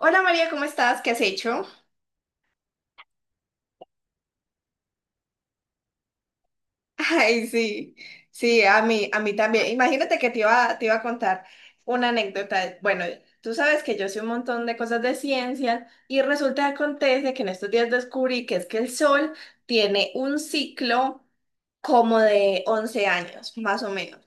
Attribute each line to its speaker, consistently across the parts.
Speaker 1: Hola María, ¿cómo estás? ¿Qué has hecho? Ay, sí, sí, a mí también. Imagínate que te iba a contar una anécdota. Bueno, tú sabes que yo sé un montón de cosas de ciencia y resulta que acontece que en estos días descubrí que es que el sol tiene un ciclo como de 11 años, más o menos.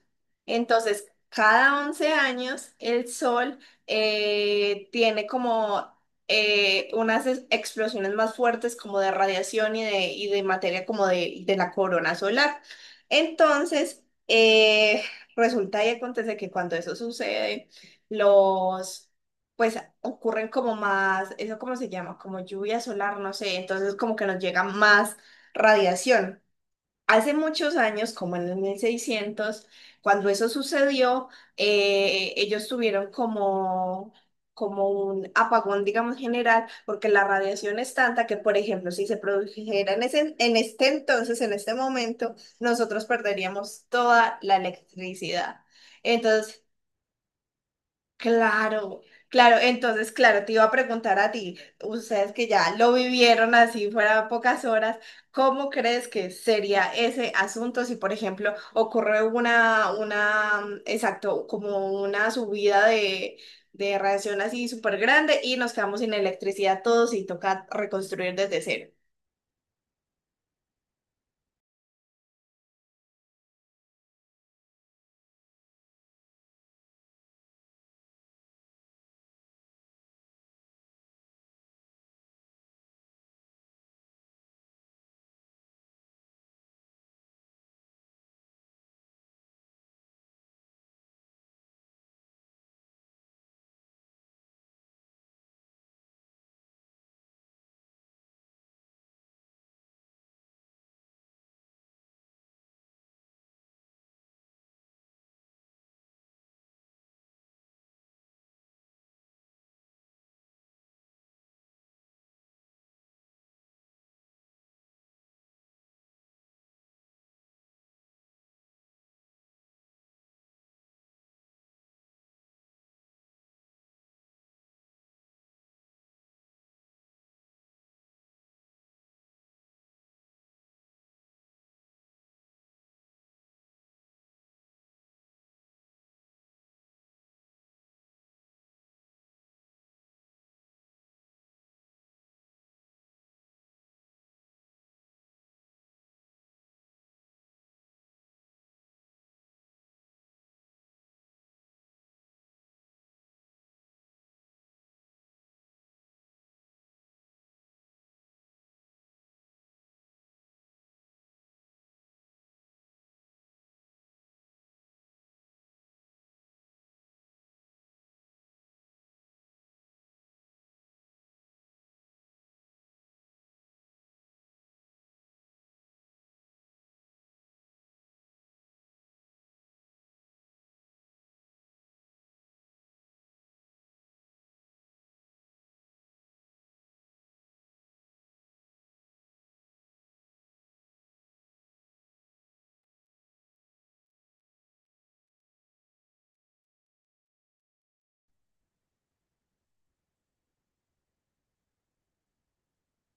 Speaker 1: Entonces, cada 11 años el sol tiene como unas explosiones más fuertes como de radiación y de materia como de la corona solar. Entonces, resulta y acontece que cuando eso sucede, los... pues ocurren como más, eso cómo se llama, como lluvia solar, no sé, entonces como que nos llega más radiación. Hace muchos años, como en el 1600, cuando eso sucedió, ellos tuvieron como un apagón, digamos, general, porque la radiación es tanta que, por ejemplo, si se produjera en ese, en este entonces, en este momento, nosotros perderíamos toda la electricidad. Entonces, claro, claro, entonces, claro, te iba a preguntar a ti, ustedes que ya lo vivieron así fuera pocas horas, ¿cómo crees que sería ese asunto si, por ejemplo, ocurre una, exacto, como una subida de radiación así súper grande y nos quedamos sin electricidad todos y toca reconstruir desde cero?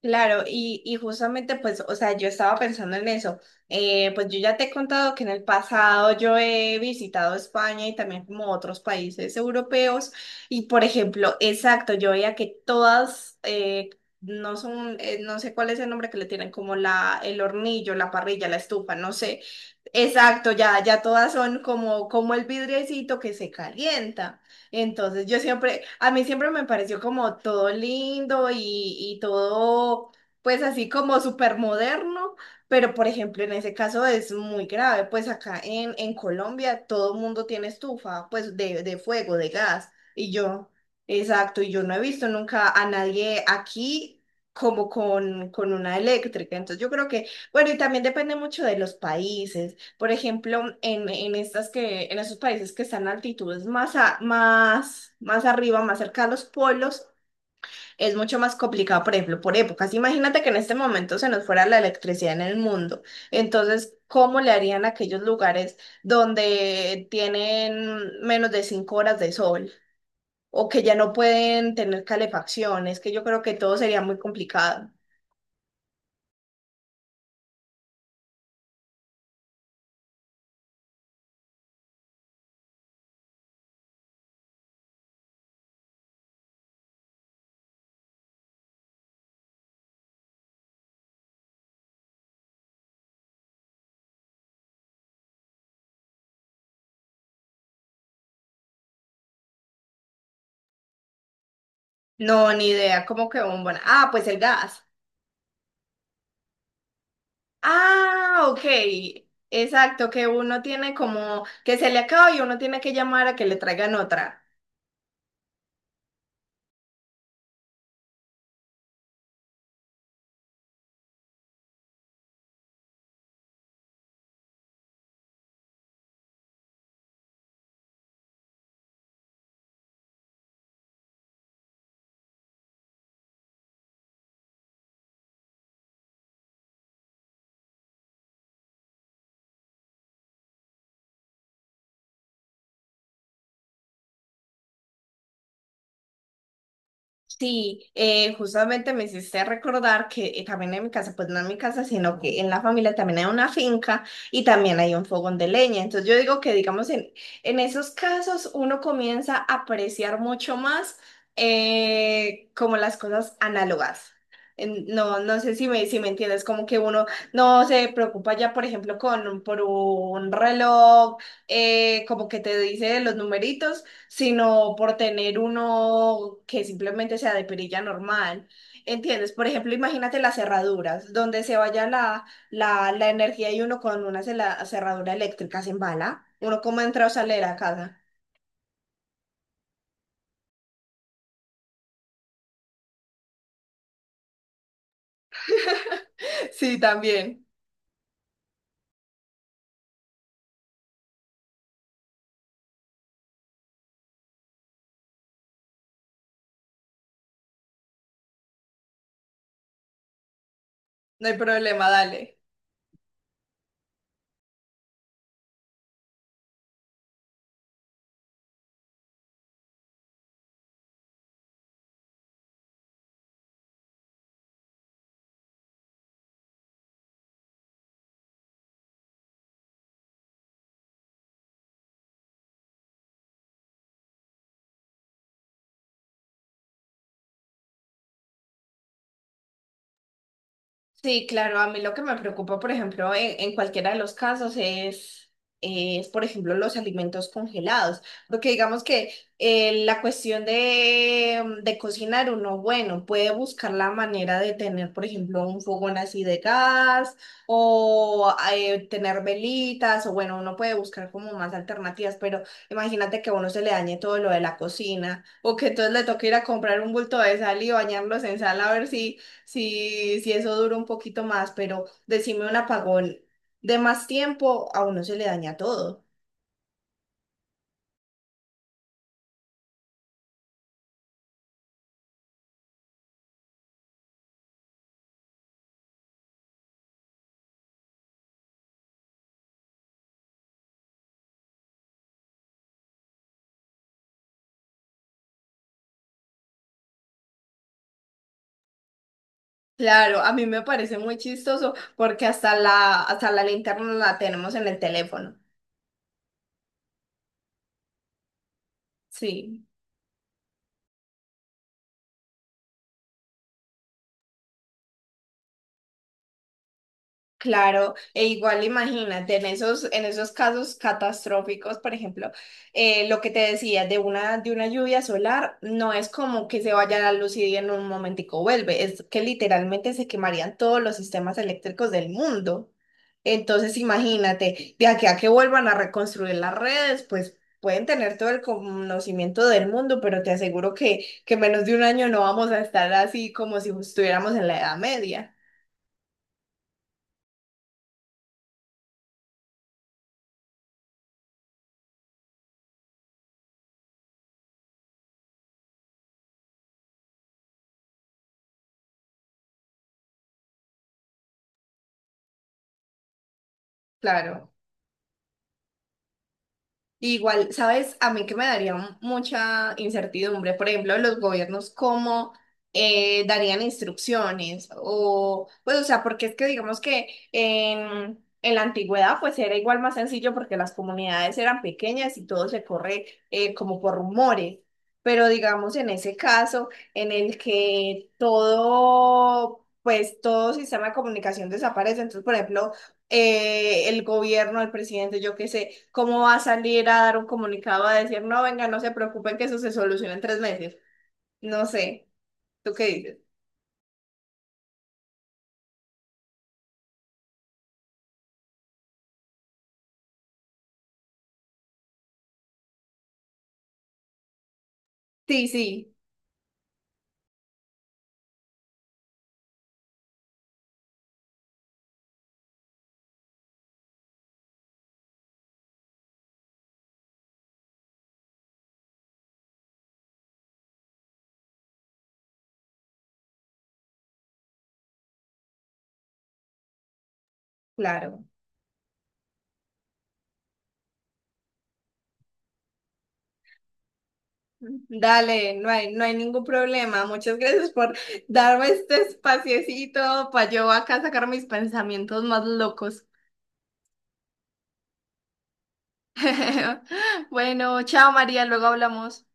Speaker 1: Claro, y justamente pues, o sea, yo estaba pensando en eso. Pues yo ya te he contado que en el pasado yo he visitado España y también como otros países europeos y por ejemplo, exacto, yo veía que todas, no son, no sé cuál es el nombre que le tienen, como el hornillo, la parrilla, la estufa, no sé. Exacto, ya todas son como el vidriecito que se calienta. Entonces a mí siempre me pareció como todo lindo y todo, pues así como súper moderno, pero por ejemplo en ese caso es muy grave, pues acá en Colombia todo el mundo tiene estufa, pues de fuego, de gas, y yo, exacto, y yo no he visto nunca a nadie aquí como con una eléctrica, entonces yo creo que, bueno, y también depende mucho de los países. Por ejemplo, en esos países que están a altitudes más arriba, más cerca a los polos, es mucho más complicado, por ejemplo, por épocas. Imagínate que en este momento se nos fuera la electricidad en el mundo. Entonces, ¿cómo le harían a aquellos lugares donde tienen menos de 5 horas de sol o que ya no pueden tener calefacción? Es que yo creo que todo sería muy complicado. No, ni idea, como que bombón. Ah, pues el gas. Ah, ok. Exacto, que uno tiene como que se le acaba y uno tiene que llamar a que le traigan otra. Sí, justamente me hiciste recordar que también en mi casa, pues no en mi casa, sino que en la familia también hay una finca y también hay un fogón de leña. Entonces yo digo que, digamos, en esos casos uno comienza a apreciar mucho más como las cosas análogas. No, no sé si me entiendes, como que uno no se preocupa ya, por ejemplo, por un reloj, como que te dice los numeritos sino por tener uno que simplemente sea de perilla normal. ¿Entiendes? Por ejemplo, imagínate las cerraduras, donde se vaya la energía y uno con una cerradura eléctrica se embala. Uno como entra o sale de la casa. Sí, también. No hay problema, dale. Sí, claro, a mí lo que me preocupa, por ejemplo, en cualquiera de los casos es, por ejemplo, los alimentos congelados, porque digamos que la cuestión de cocinar uno, bueno, puede buscar la manera de tener, por ejemplo, un fogón así de gas o tener velitas, o bueno, uno puede buscar como más alternativas, pero imagínate que a uno se le dañe todo lo de la cocina o que entonces le toque ir a comprar un bulto de sal y bañarlos en sal a ver si. Sí, sí, eso dura un poquito más, pero decime un apagón de más tiempo, a uno se le daña todo. Claro, a mí me parece muy chistoso porque hasta la linterna la tenemos en el teléfono. Sí. Claro, e igual imagínate, en esos casos catastróficos, por ejemplo, lo que te decía de una lluvia solar, no es como que se vaya la luz y en un momentico vuelve, es que literalmente se quemarían todos los sistemas eléctricos del mundo. Entonces imagínate, de aquí a que vuelvan a reconstruir las redes, pues pueden tener todo el conocimiento del mundo, pero te aseguro que, en menos de un año no vamos a estar así como si estuviéramos en la Edad Media. Claro. Igual, ¿sabes? A mí que me daría mucha incertidumbre, por ejemplo, los gobiernos cómo darían instrucciones o, pues, o sea, porque es que digamos que en la antigüedad pues era igual más sencillo porque las comunidades eran pequeñas y todo se corre como por rumores, pero digamos en ese caso en el que todo, pues todo sistema de comunicación desaparece, entonces, por ejemplo, el gobierno, el presidente, yo qué sé, cómo va a salir a dar un comunicado a decir, no, venga, no se preocupen que eso se soluciona en 3 meses. No sé, ¿tú qué dices? Sí, sí, claro. Dale, no hay ningún problema. Muchas gracias por darme este espaciecito para yo acá sacar mis pensamientos más locos. Bueno, chao María, luego hablamos.